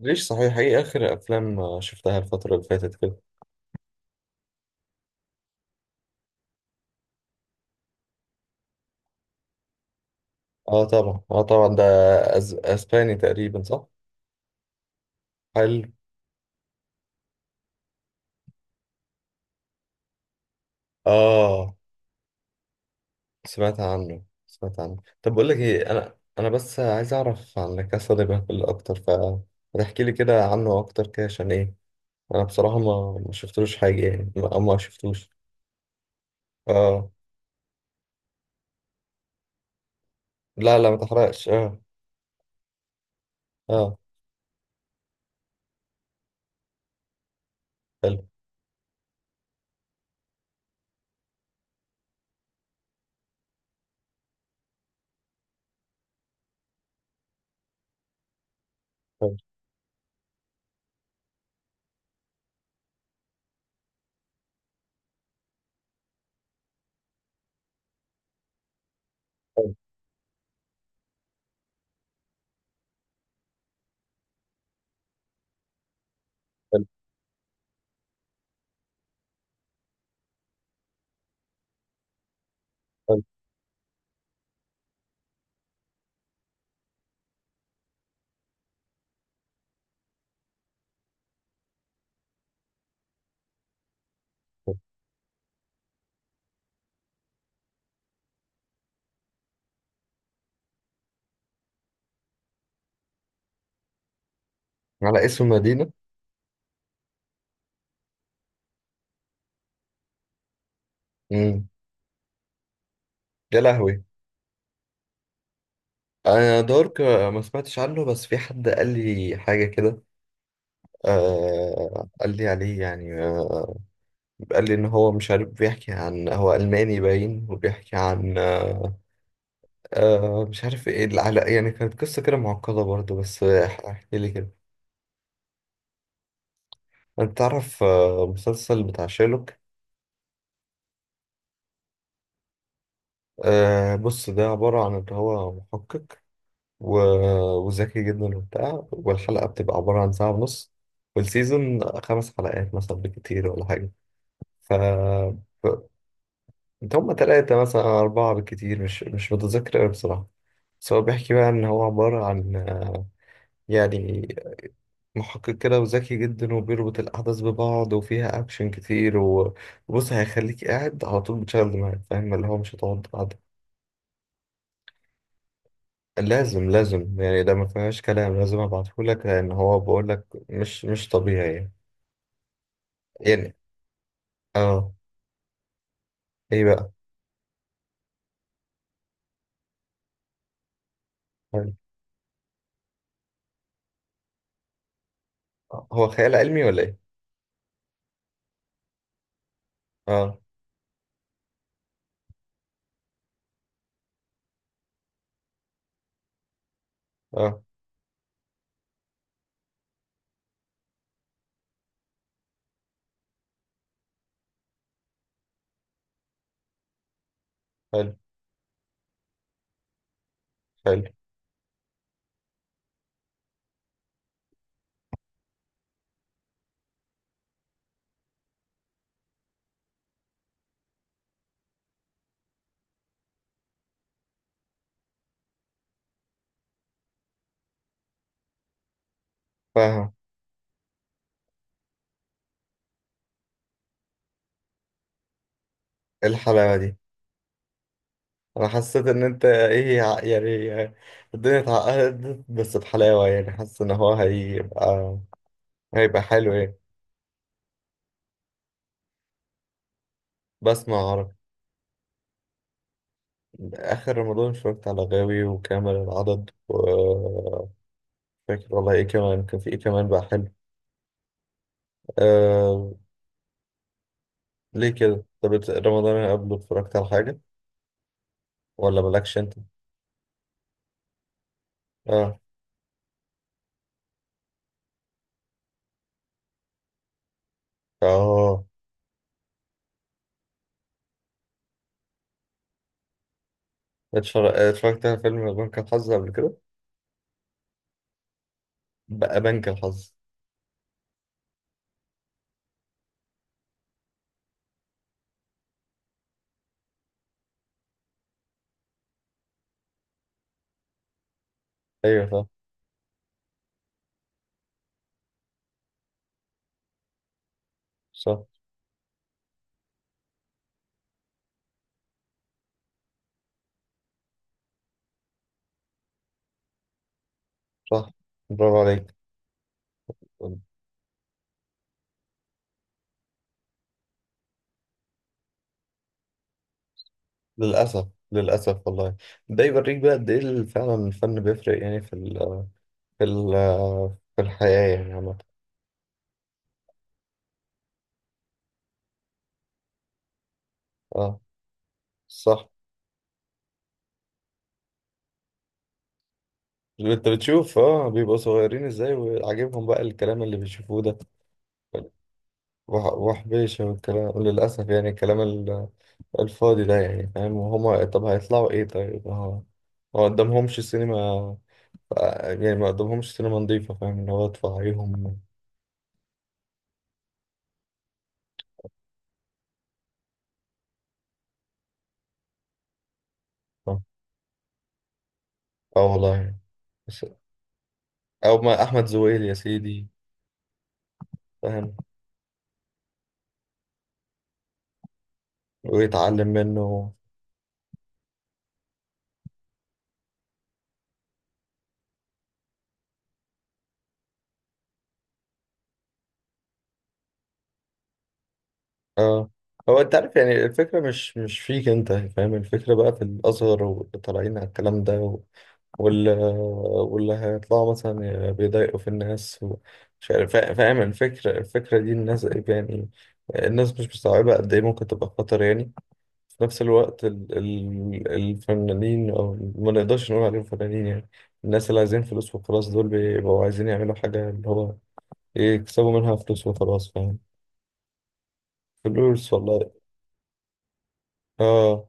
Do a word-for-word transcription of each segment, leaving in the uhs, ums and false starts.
ليش صحيح ايه اخر افلام شفتها الفترة اللي فاتت كده؟ اه طبعا، اه طبعا ده. أز... اسباني تقريبا، صح؟ حلو. اه. سمعت عنه، سمعت عنه. طب بقول لك ايه، انا انا بس عايز اعرف عن لا كاسا دي بابل اكتر. فتحكي لي كده عنه اكتر كده، عشان ايه؟ انا بصراحة ما ما شفتلوش حاجة، يعني ما ما شفتوش. اه، لا لا ما تحرقش، اه. اه. حلو. حلو. حلو. حلو. حلو. على اسم مدينة. امم. يا لهوي. انا دارك ما سمعتش عنه، بس في حد قال لي حاجه كده. آه، قال لي عليه يعني آه قال لي ان هو مش عارف، بيحكي عن هو الماني باين، وبيحكي عن آه آه، مش عارف ايه العلاقه، يعني كانت قصه كده معقده برضه، بس آه، احكي لي كده. انت تعرف آه مسلسل بتاع شيرلوك؟ آه، بص ده عباره عن ان هو محقق. و- وذكي جدا وبتاع، والحلقه بتبقى عباره عن ساعه ونص. والسيزون خمس حلقات مثلا بكتير ولا حاجه. ف انت هما تلاتة مثلا أو أربعة بالكتير، مش مش متذكر أوي بصراحة. بس هو بيحكي بقى إن هو عبارة عن آه، يعني محقق كده وذكي جدا، وبيربط الأحداث ببعض، وفيها أكشن كتير و- وبص هيخليك قاعد على طول بتشغل دماغك، فاهم؟ اللي هو مش هتقعد قاعد. لازم لازم يعني، ده ما فيهاش كلام، لازم أبعتهولك، لأن هو بقولك مش مش طبيعي يعني. يعني اه. ايه بقى. حلو. هو خيال علمي ولا ايه؟ اه. اه. حلو. حلو. فاهم. إيه الحلاوة دي. انا حسيت ان انت ايه ع- يعني الدنيا اتعقدت بس بحلاوة يعني، حاسس ان هو هيبقى، هيبقى حلو يعني. بسمع عربي. اخر رمضان اتفرجت على غاوي وكامل العدد و فاكر والله ايه كمان، كان في ايه كمان بقى حلو؟ آه... ليه كده؟ طب إت- رمضان اللي قبله اتفرجت على حاجة؟ ولا مالكش انت؟ اه. اه. اتفر- اتفرجت على فيلم بنك الحظ قبل كده. بقى بنك الحظ. ايوه، صح، صح، صح. برافو عليك. للأسف للأسف والله. ده يوريك بقى قد إيه ال- فعلا الفن بيفرق يعني في ال في ال في الحياة يعني عامة. اه. صح. أنت بتشوف اه بيبقوا صغيرين إزاي، وعاجبهم بقى الكلام اللي بيشوفوه ده. وح- وحبيشة، والكلام للأسف يعني، الكلام ال- الفاضي ده، يعني فاهم؟ وهما طب هيطلعوا إيه؟ طيب، اه. ما قدامهمش سينما. آه، يعني ما قدامهمش سينما نظيفة، فاهم؟ اللي هو تفعيهم. اه. آه والله. بس- أو ما أحمد زويل يا سيدي. فاهم. ويتعلم منه. اه. هو انت عارف يعني، الفكرة مش مش فيك انت، فاهم؟ الفكرة بقى في الأزهر واللي طالعين على الكلام ده و- واللي واللي هيطلعوا مثلا بيضايقوا في الناس، ومش عارف فا- فاهم الفكرة. الفكرة دي الناس يعني، الناس مش مستوعبة قد ايه ممكن تبقى خطر يعني. في نفس الوقت ال ال الفنانين، او ما نقدرش نقول عليهم فنانين يعني، الناس اللي عايزين فلوس وخلاص، دول بيبقوا عايزين يعملوا حاجة اللي هو إيه، يكسبوا منها فلوس وخلاص، فاهم؟ فلوس والله. اه.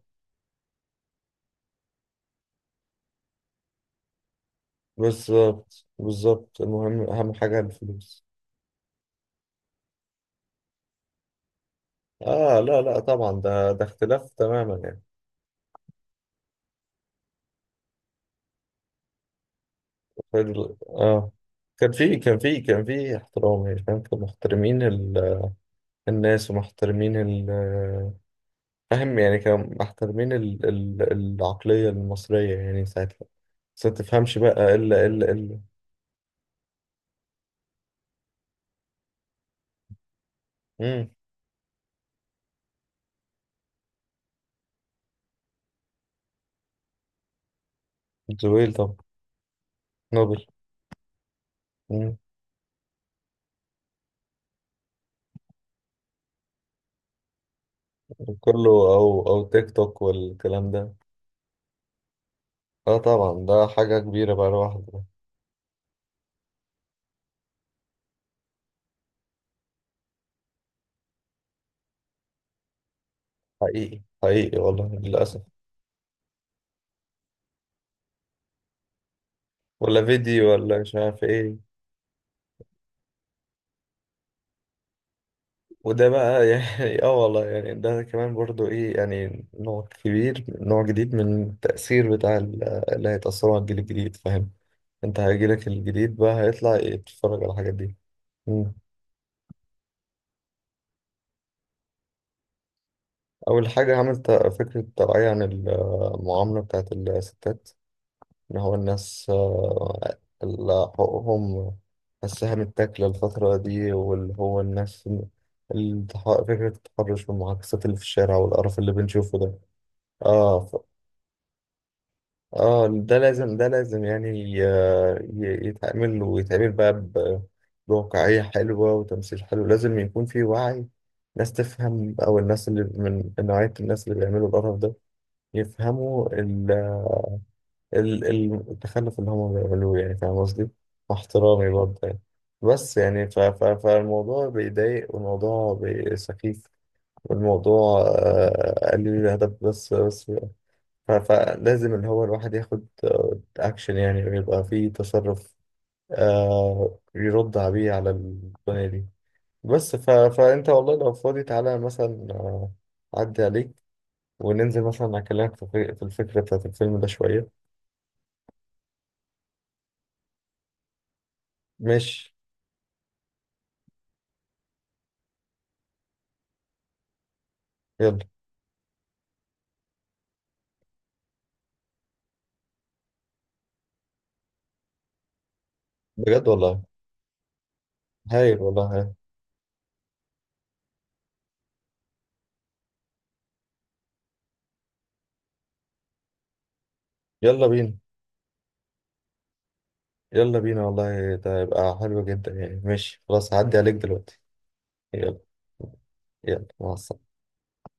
بالظبط بالظبط، المهم اهم حاجة الفلوس. اه. لا لا طبعا، ده ده اختلاف تماما يعني. فال- اه كان في كان في كان في احترام، يعني فاهم، كانوا محترمين ال- الناس، ومحترمين ال- فاهم يعني، كانوا محترمين ال- ال- العقلية المصرية يعني ساعتها. بس ما تفهمش بقى الا الا الا. امم. زويل طبعا. نوبل. مم. كله او او تيك توك والكلام ده. اه طبعا، ده حاجة كبيرة بقى لوحده. حقيقي حقيقي والله، للأسف. ولا فيديو، ولا مش عارف ايه. وده بقى يعني اه والله يعني، ده كمان برضو ايه يعني، نوع كبير، نوع جديد من التأثير بتاع ال- اللي هيتأثروا على الجيل الجديد، فاهم؟ انت هيجيلك الجديد بقى هيطلع يتفرج على الحاجات دي. مم. أول حاجة عملت فكرة توعية عن المعاملة بتاعت الستات، اللي هو الناس آه، اللي حقوقهم السهم التاكلة الفترة دي، واللي هو الناس التح- فكرة التحرش والمعاكسات اللي في الشارع، والقرف اللي بنشوفه ده. اه ف... اه ده لازم ده لازم يعني ي- ي- يتعمل ويتعمل بقى ب- بواقعية حلوة وتمثيل حلو، لازم يكون في وعي، ناس تفهم. أو النوع- الناس اللي من من نوعية الناس اللي بيعملوا القرف ده يفهموا ال- ال- التخلف اللي هم بيعملوه، يعني فاهم قصدي؟ مع احترامي برضه يعني، بس يعني ف ف فالموضوع بيضايق، والموضوع بي- سخيف، والموضوع آه، قليل الهدف، بس بس ف فلازم اللي هو الواحد ياخد اكشن يعني، ويبقى فيه تصرف، آه يرد بيه على الدنيا دي. بس ف فانت والله لو فاضي تعالى مثلا آه، أعدي عليك وننزل مثلا أكلمك في في الفكرة بتاعت الفيلم ده شوية. ماشي. يلا. بجد والله. هايل والله هايل. يلا بينا. يلا بينا والله، ده هيبقى حلو جدا يعني. ماشي خلاص، هعدي عليك دلوقتي. يلا. يلا، مع السلامة.